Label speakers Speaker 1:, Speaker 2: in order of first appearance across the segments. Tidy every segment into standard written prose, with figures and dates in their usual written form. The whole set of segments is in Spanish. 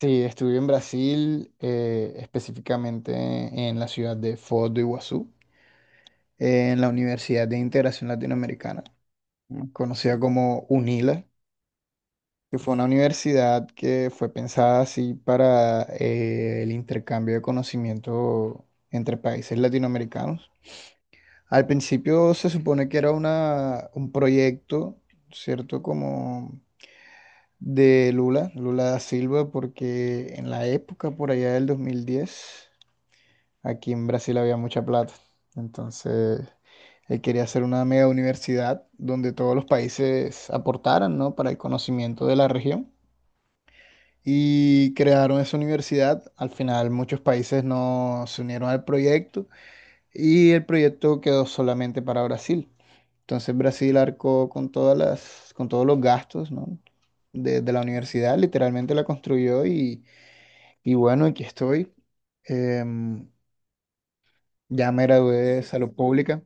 Speaker 1: Sí, estuve en Brasil, específicamente en la ciudad de Foz do Iguazú, en la Universidad de Integración Latinoamericana, conocida como UNILA, que fue una universidad que fue pensada así para el intercambio de conocimiento entre países latinoamericanos. Al principio se supone que era un proyecto, ¿cierto? Como de Lula, Lula da Silva, porque en la época, por allá del 2010, aquí en Brasil había mucha plata. Entonces, él quería hacer una mega universidad donde todos los países aportaran, ¿no? Para el conocimiento de la región. Y crearon esa universidad. Al final, muchos países no se unieron al proyecto y el proyecto quedó solamente para Brasil. Entonces, Brasil arcó con con todos los gastos, ¿no? De la universidad, literalmente la construyó y bueno, aquí estoy. Em, ya me gradué de salud pública.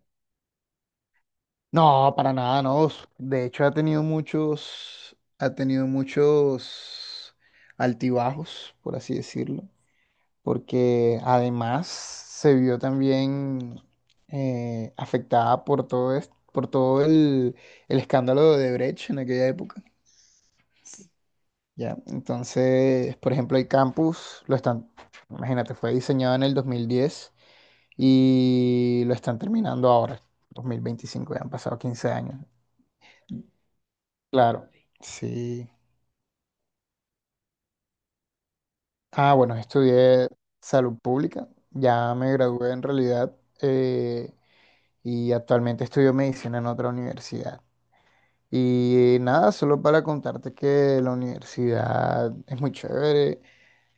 Speaker 1: No, para nada, no. De hecho, ha tenido muchos altibajos, por así decirlo, porque además se vio también afectada por todo esto, por todo el escándalo de Brecht en aquella época. Ya, entonces, por ejemplo, el campus imagínate, fue diseñado en el 2010 y lo están terminando ahora, 2025, ya han pasado 15 años. Claro, sí. Ah, bueno, estudié salud pública, ya me gradué en realidad eh, y actualmente estudio medicina en otra universidad. Y nada, solo para contarte que la universidad es muy chévere,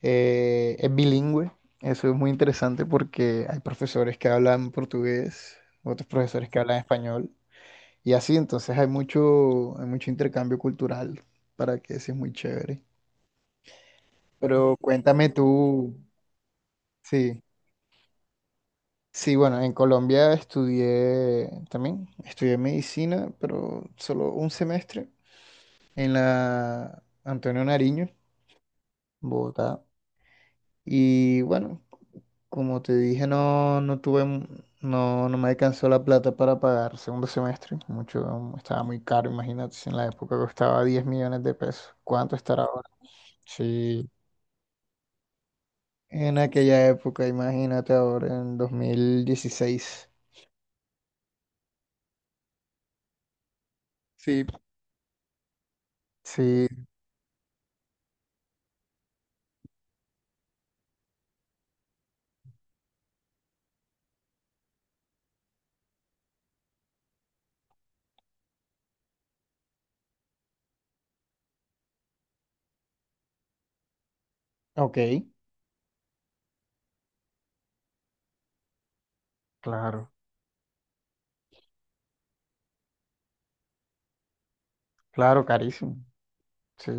Speaker 1: es bilingüe, eso es muy interesante porque hay profesores que hablan portugués, otros profesores que hablan español y así, entonces hay mucho intercambio cultural para que eso es muy chévere. Pero cuéntame tú, sí. Sí, bueno, en Colombia estudié también, estudié medicina, pero solo un semestre en la Antonio Nariño, Bogotá. Y bueno, como te dije, no, no me alcanzó la plata para pagar segundo semestre. Mucho, estaba muy caro, imagínate, si en la época costaba 10 millones de pesos. ¿Cuánto estará ahora? Sí, en aquella época, imagínate ahora, en 2016. Sí, sí, ok, claro. Claro, carísimo. Sí.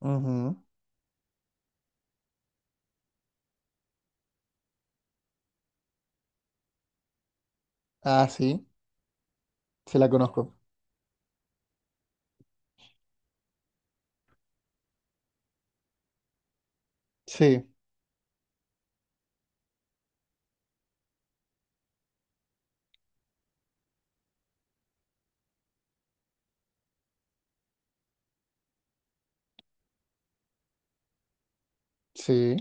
Speaker 1: Ujú. Ah, sí, sí la conozco. Sí, sí.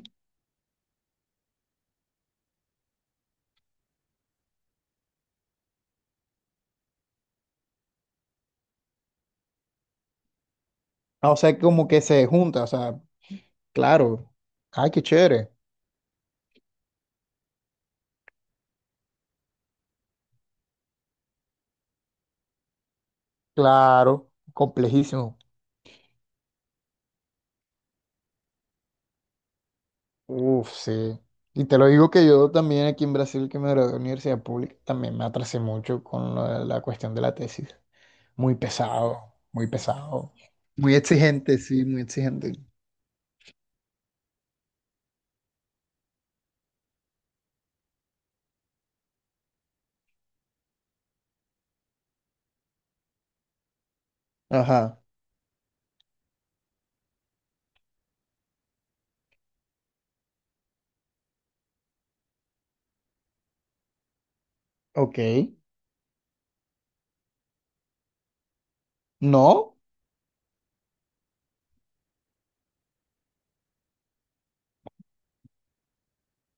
Speaker 1: Ah, o sea, como que se junta, o sea, claro. Ay, qué chévere. Claro, complejísimo. Uf, sí. Y te lo digo que yo también aquí en Brasil, que me gradué de universidad pública, también me atrasé mucho con lo de la cuestión de la tesis. Muy pesado, muy pesado. Muy exigente, sí, muy exigente. Ajá, ok. ¿No?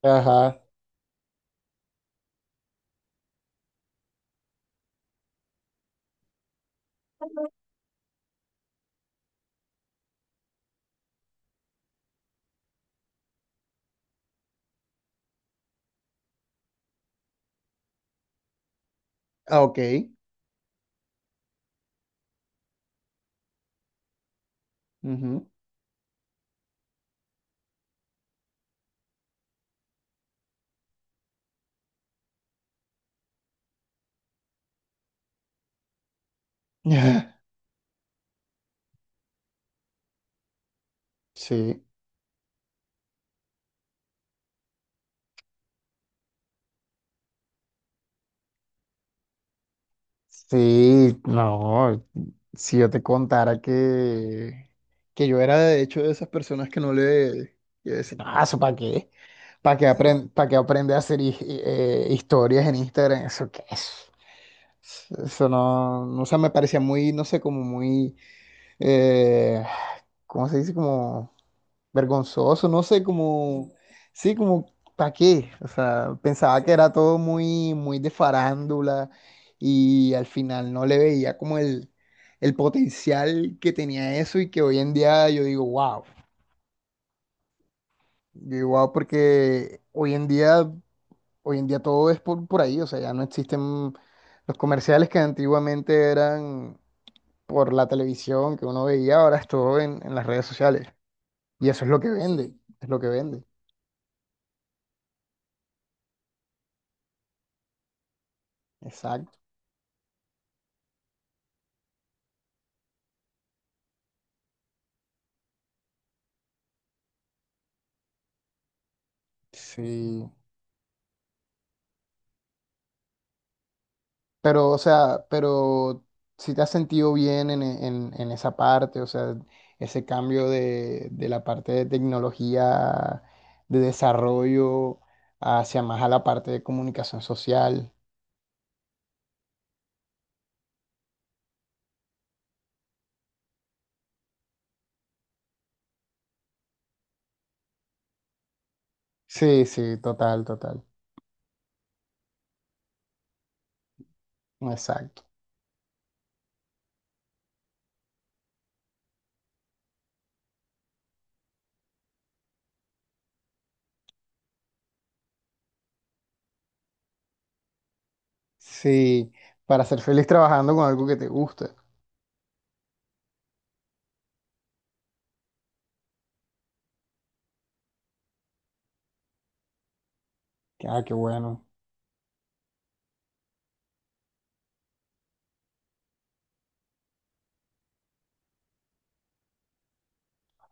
Speaker 1: Ajá, ah, ok. Ujú. Sí, sí, no, si yo te contara que yo era de hecho de esas personas que no le, que decían, ah, ¿eso para qué? Para qué aprende a hacer historias en Instagram? ¿Eso qué es? Eso no, no, o sea, me parecía muy, no sé, como muy, eh, ¿cómo se dice? Como vergonzoso, no sé, como, sí, como, ¿para qué? O sea, pensaba que era todo muy, muy de farándula y al final no le veía como el potencial que tenía eso y que hoy en día yo digo, wow, porque hoy en día todo es por ahí, o sea, ya no existen los comerciales que antiguamente eran por la televisión que uno veía, ahora es todo en las redes sociales y eso es lo que vende, sí, es lo que vende. Exacto. Sí, pero, o sea, pero si te has sentido bien en esa parte, o sea, ese cambio de la parte de tecnología, de desarrollo, hacia más a la parte de comunicación social. Sí, sí, total, total. Exacto. Sí, para ser feliz trabajando con algo que te guste. Ah, qué bueno.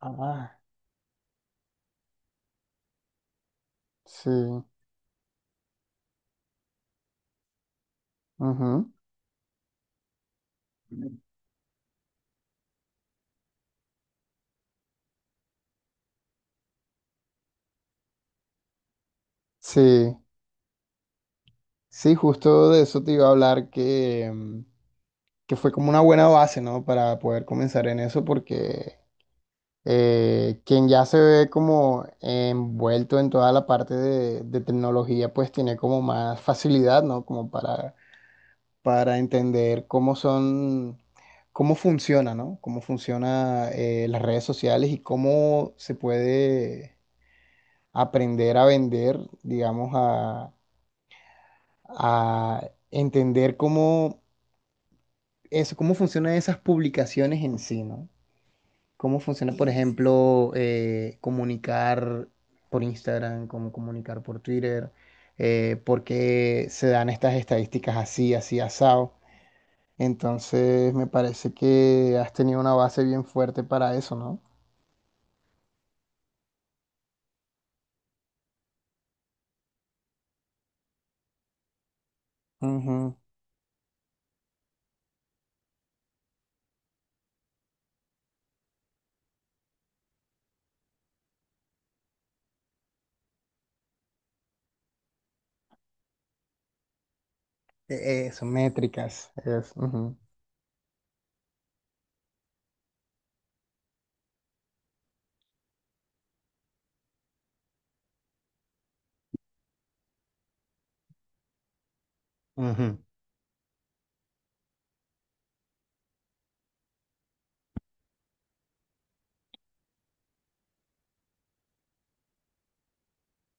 Speaker 1: Ah, sí. Ujú. Sí, sí, justo de eso te iba a hablar que fue como una buena base, ¿no? Para poder comenzar en eso, porque quien ya se ve como envuelto en toda la parte de tecnología, pues tiene como más facilidad, ¿no? Como para entender cómo son, cómo funciona, ¿no? Cómo funciona las redes sociales y cómo se puede aprender a vender, digamos, a entender cómo, eso, cómo funcionan esas publicaciones en sí, ¿no? ¿Cómo funciona, por y ejemplo, comunicar por Instagram, cómo comunicar por Twitter? ¿Por qué se dan estas estadísticas así, así asado? Entonces, me parece que has tenido una base bien fuerte para eso, ¿no? Ujú. Eso, métricas. Es, ujú, ujú.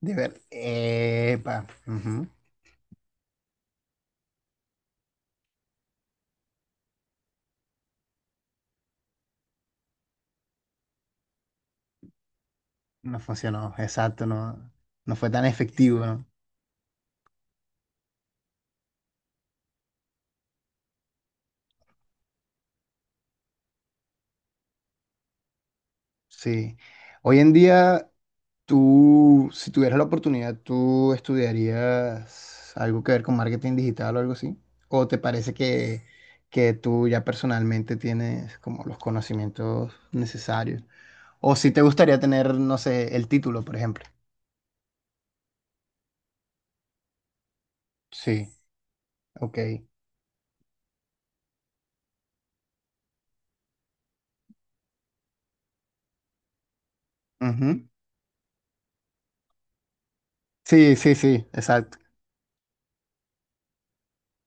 Speaker 1: Epa, ujú. No funcionó, exacto, no, no fue tan efectivo, ¿no? Sí. Hoy en día... Tú, si tuvieras la oportunidad, ¿tú estudiarías algo que ver con marketing digital o algo así? ¿O te parece que tú ya personalmente tienes como los conocimientos necesarios? ¿O si te gustaría tener, no sé, el título, por ejemplo? Sí, ok. Ujú. Sí, sí, sí, exacto.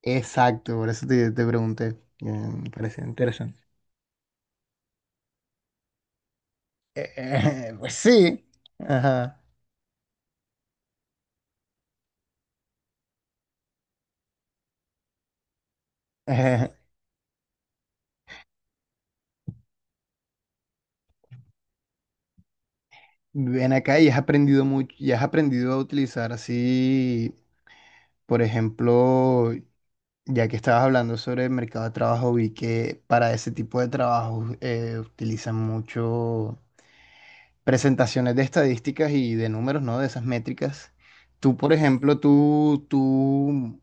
Speaker 1: Exacto, por eso te, te pregunté. Me parece interesante. Pues sí. Ajá. Ven acá y has aprendido mucho, y has aprendido a utilizar así, por ejemplo, ya que estabas hablando sobre el mercado de trabajo, vi que para ese tipo de trabajos utilizan mucho presentaciones de estadísticas y de números, ¿no? De esas métricas. Tú, por ejemplo, tú, tú,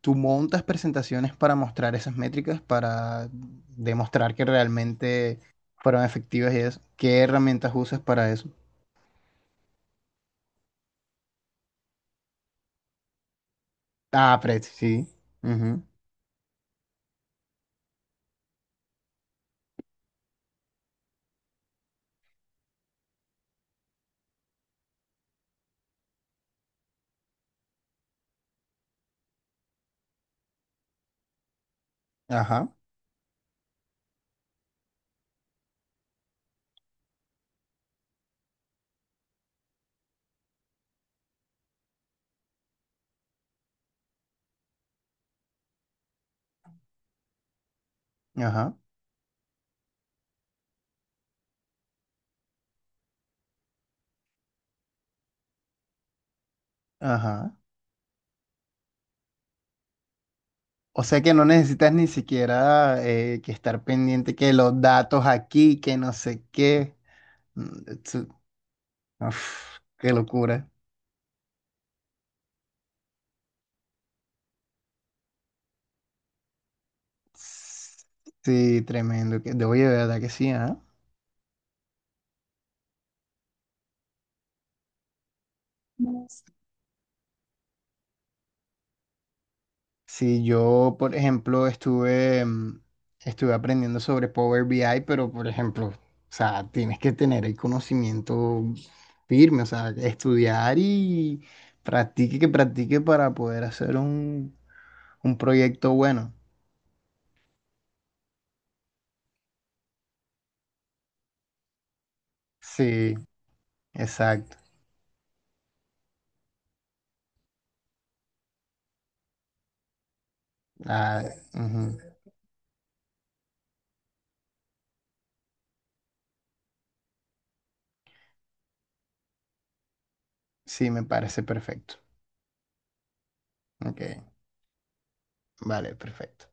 Speaker 1: tú montas presentaciones para mostrar esas métricas, para demostrar que realmente fueron efectivas y eso. ¿Qué herramientas usas para eso? Ah, Pret, sí. Ujú. Ajá, ajá, ajá. O sea que no necesitas ni siquiera que estar pendiente que los datos aquí, que no sé qué. Mm, tsu- Uf, qué locura. Sí, tremendo. De oye, de verdad que sí, ¿ah? Si yo, por ejemplo, estuve aprendiendo sobre Power BI, pero, por ejemplo, o sea, tienes que tener el conocimiento firme, o sea, estudiar y practique, que practique para poder hacer un proyecto bueno. Sí, exacto. Ah, ujú. Sí, me parece perfecto. Ok, vale, perfecto.